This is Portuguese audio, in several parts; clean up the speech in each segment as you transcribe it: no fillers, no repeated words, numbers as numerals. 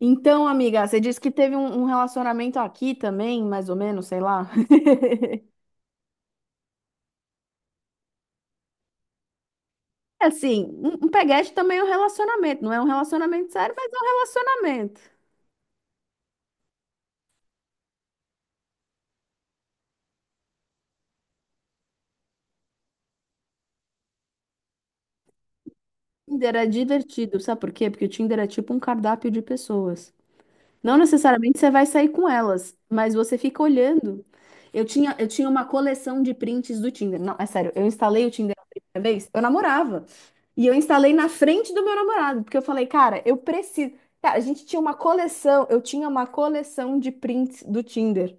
Então, amiga, você disse que teve um relacionamento aqui também, mais ou menos, sei lá. Assim, um peguete também é um relacionamento, não é um relacionamento sério, mas é um relacionamento. Tinder é divertido, sabe por quê? Porque o Tinder é tipo um cardápio de pessoas. Não necessariamente você vai sair com elas, mas você fica olhando. Eu tinha uma coleção de prints do Tinder. Não, é sério, eu instalei o Tinder a primeira vez, eu namorava. E eu instalei na frente do meu namorado, porque eu falei, cara, eu preciso. Cara, a gente tinha uma coleção, eu tinha uma coleção de prints do Tinder.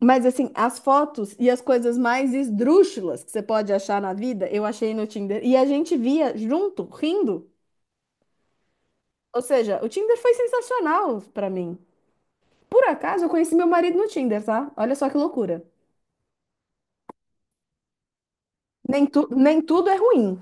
Mas assim, as fotos e as coisas mais esdrúxulas que você pode achar na vida, eu achei no Tinder. E a gente via junto, rindo. Ou seja, o Tinder foi sensacional pra mim. Por acaso, eu conheci meu marido no Tinder, tá? Olha só que loucura. Nem tudo é ruim.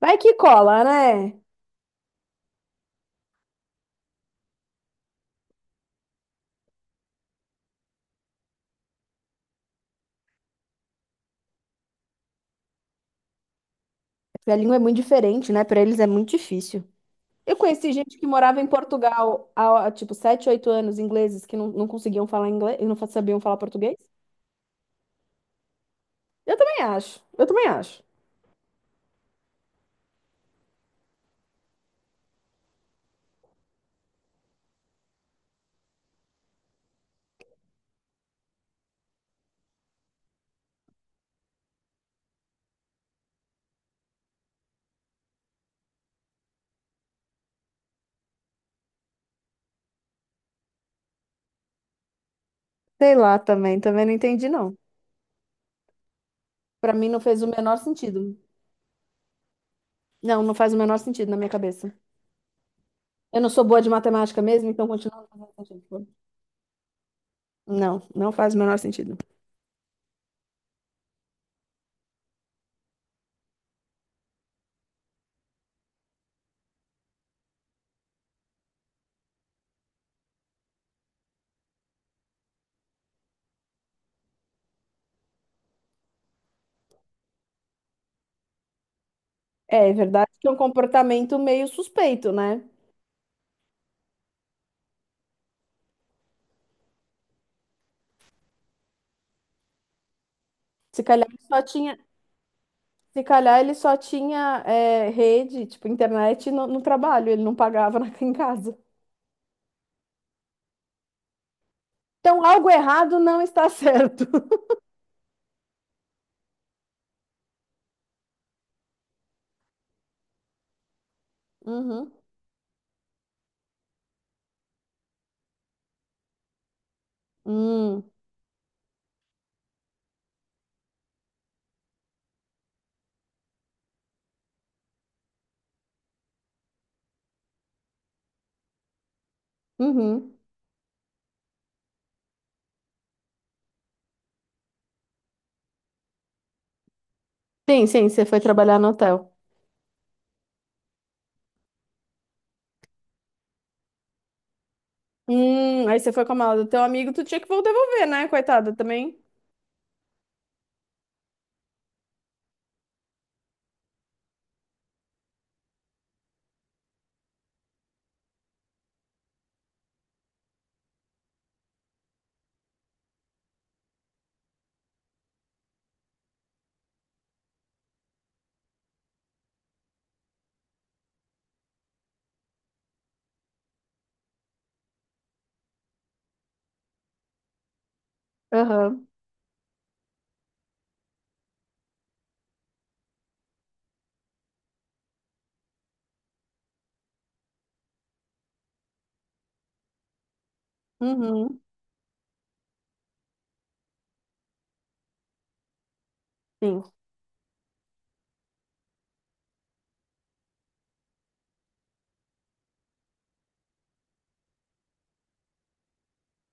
Vai que cola, né? Porque a língua é muito diferente, né? Pra eles é muito difícil. Eu conheci gente que morava em Portugal há tipo, 7, 8 anos, ingleses, que não conseguiam falar inglês e não sabiam falar português. Eu também acho. Eu também acho. Sei lá também, também não entendi, não. Pra mim não fez o menor sentido. Não, não faz o menor sentido na minha cabeça. Eu não sou boa de matemática mesmo, então continua não fazendo sentido. Não, não faz o menor sentido. É, é verdade que é um comportamento meio suspeito, né? Se calhar ele só tinha, se calhar ele só tinha rede, tipo, internet no trabalho, ele não pagava em casa. Então, algo errado não está certo. Uhum. Hum, uhum. Sim, sim, você foi trabalhar no hotel. Aí você foi com a mala do teu amigo, tu tinha que devolver, né, coitada, também? Aham. Uhum. Sim,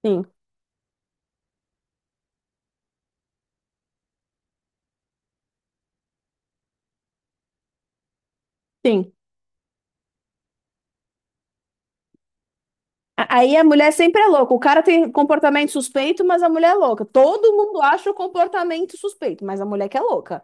sim, sim. Aí a mulher sempre é louca. O cara tem comportamento suspeito, mas a mulher é louca. Todo mundo acha o comportamento suspeito, mas a mulher que é louca.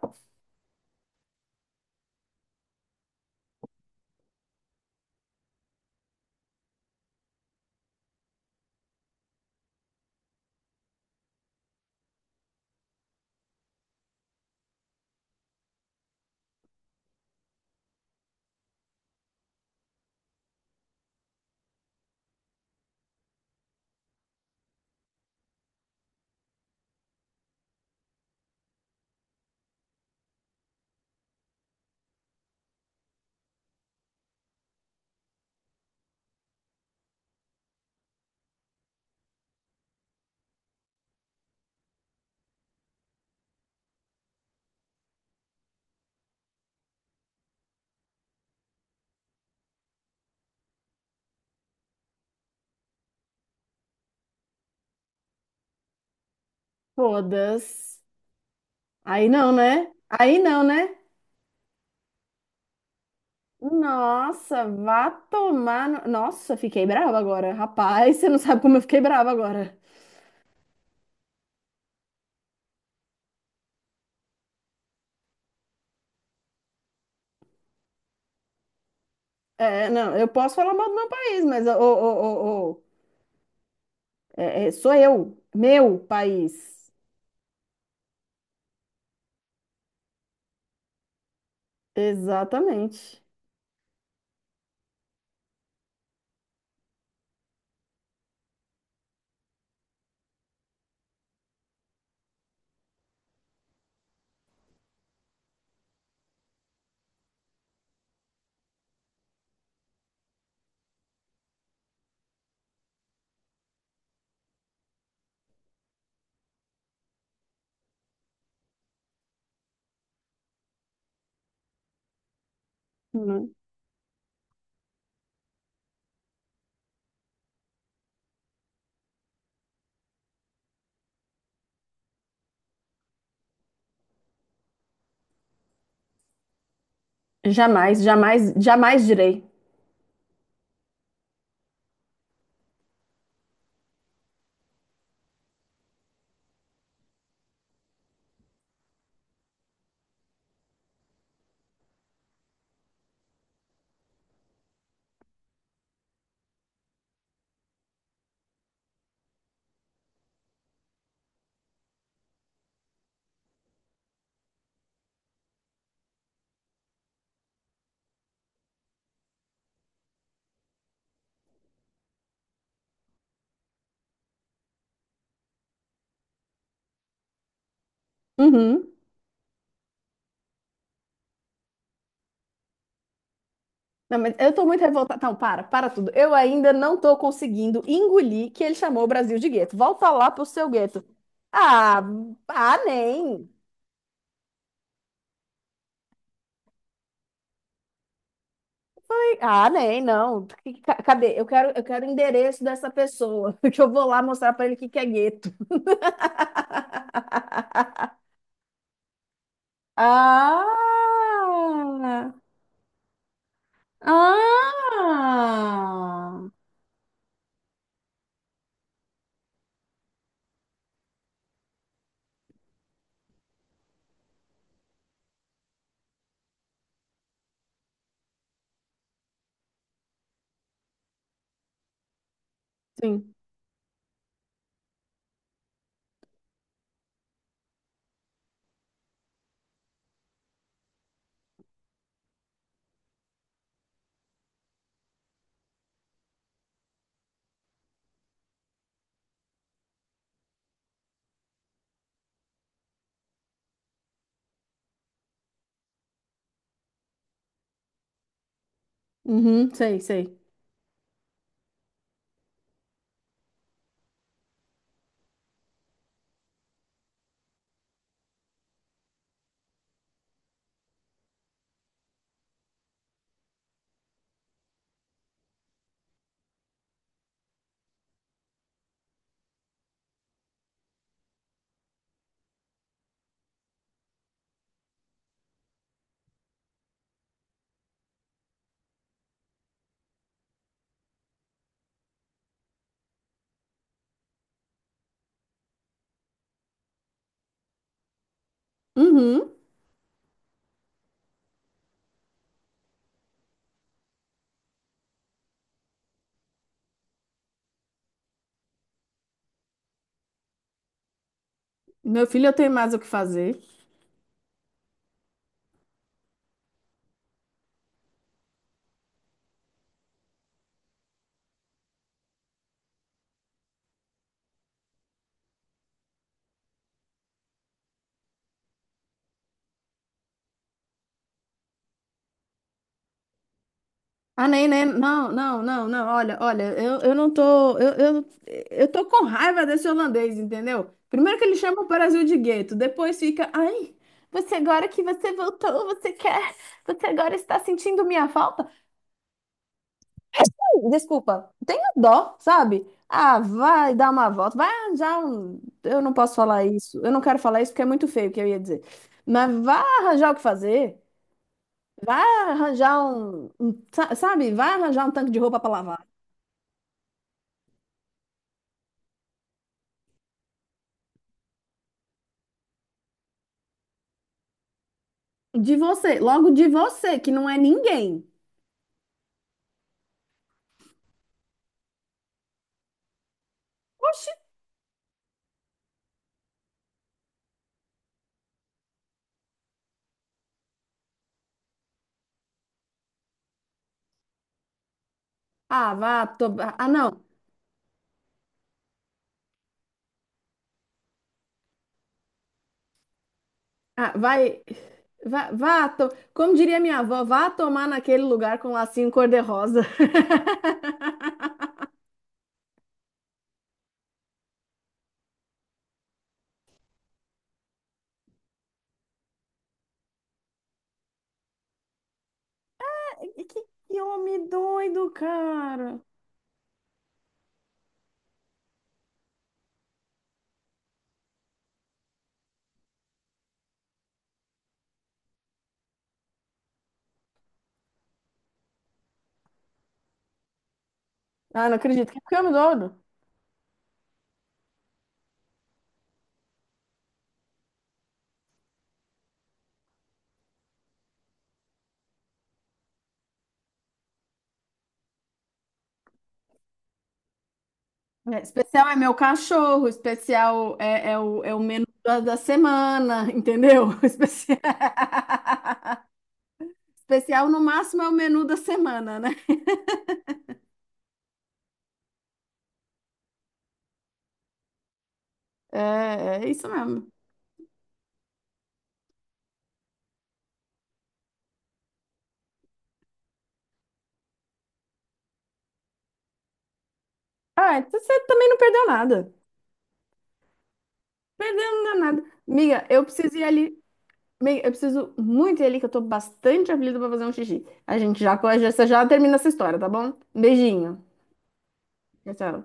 Todas. Aí não, né? Aí não, né? Nossa, vá tomar. Nossa, fiquei brava agora. Rapaz, você não sabe como eu fiquei brava agora. É, não, eu posso falar mal do meu país, mas ô, ô, ô, ô, é, é, sou eu, meu país. Exatamente. Hum. Jamais, jamais, jamais direi. Uhum. Não, mas eu tô muito revoltada. Não, para, para tudo. Eu ainda não tô conseguindo engolir que ele chamou o Brasil de gueto. Volta lá pro seu gueto. Ah, ah, nem. Ah, nem, não. Cadê? Eu quero o endereço dessa pessoa, que eu vou lá mostrar pra ele o que que é gueto. Ah! Ah! Sim. Uhum, sei, sei. Uhum. Meu filho, eu tenho mais o que fazer. Ah, nem, nem, não, não, não, não, olha, olha, eu não tô, eu tô com raiva desse holandês, entendeu? Primeiro que ele chama o Brasil de gueto, depois fica, ai, você agora que você voltou, você quer, você agora está sentindo minha falta? É assim, desculpa, tenha dó, sabe? Ah, vai dar uma volta, vai arranjar um, eu não posso falar isso, eu não quero falar isso porque é muito feio o que eu ia dizer, mas vai arranjar o que fazer, vai arranjar um, sabe, vai arranjar um tanque de roupa para lavar. De você, logo de você, que não é ninguém. Oxi. Ah, vá, to... ah, não. Ah, vai, vá, vá, to... como diria minha avó, vá tomar naquele lugar com lacinho cor-de-rosa. Que, que homem doido, cara. Ah, não acredito. Que homem doido? É, especial é meu cachorro, especial é, é o, é o menu da, da semana, entendeu? Especial... especial no máximo é o menu da semana, né? É, é isso mesmo. Ah, então você também não perdeu nada. Perdeu não deu nada. Miga, eu preciso ir ali. Miga, eu preciso muito ir ali, que eu tô bastante aflita pra fazer um xixi. A gente já, já, você já termina essa história, tá bom? Beijinho. Tchau, tchau.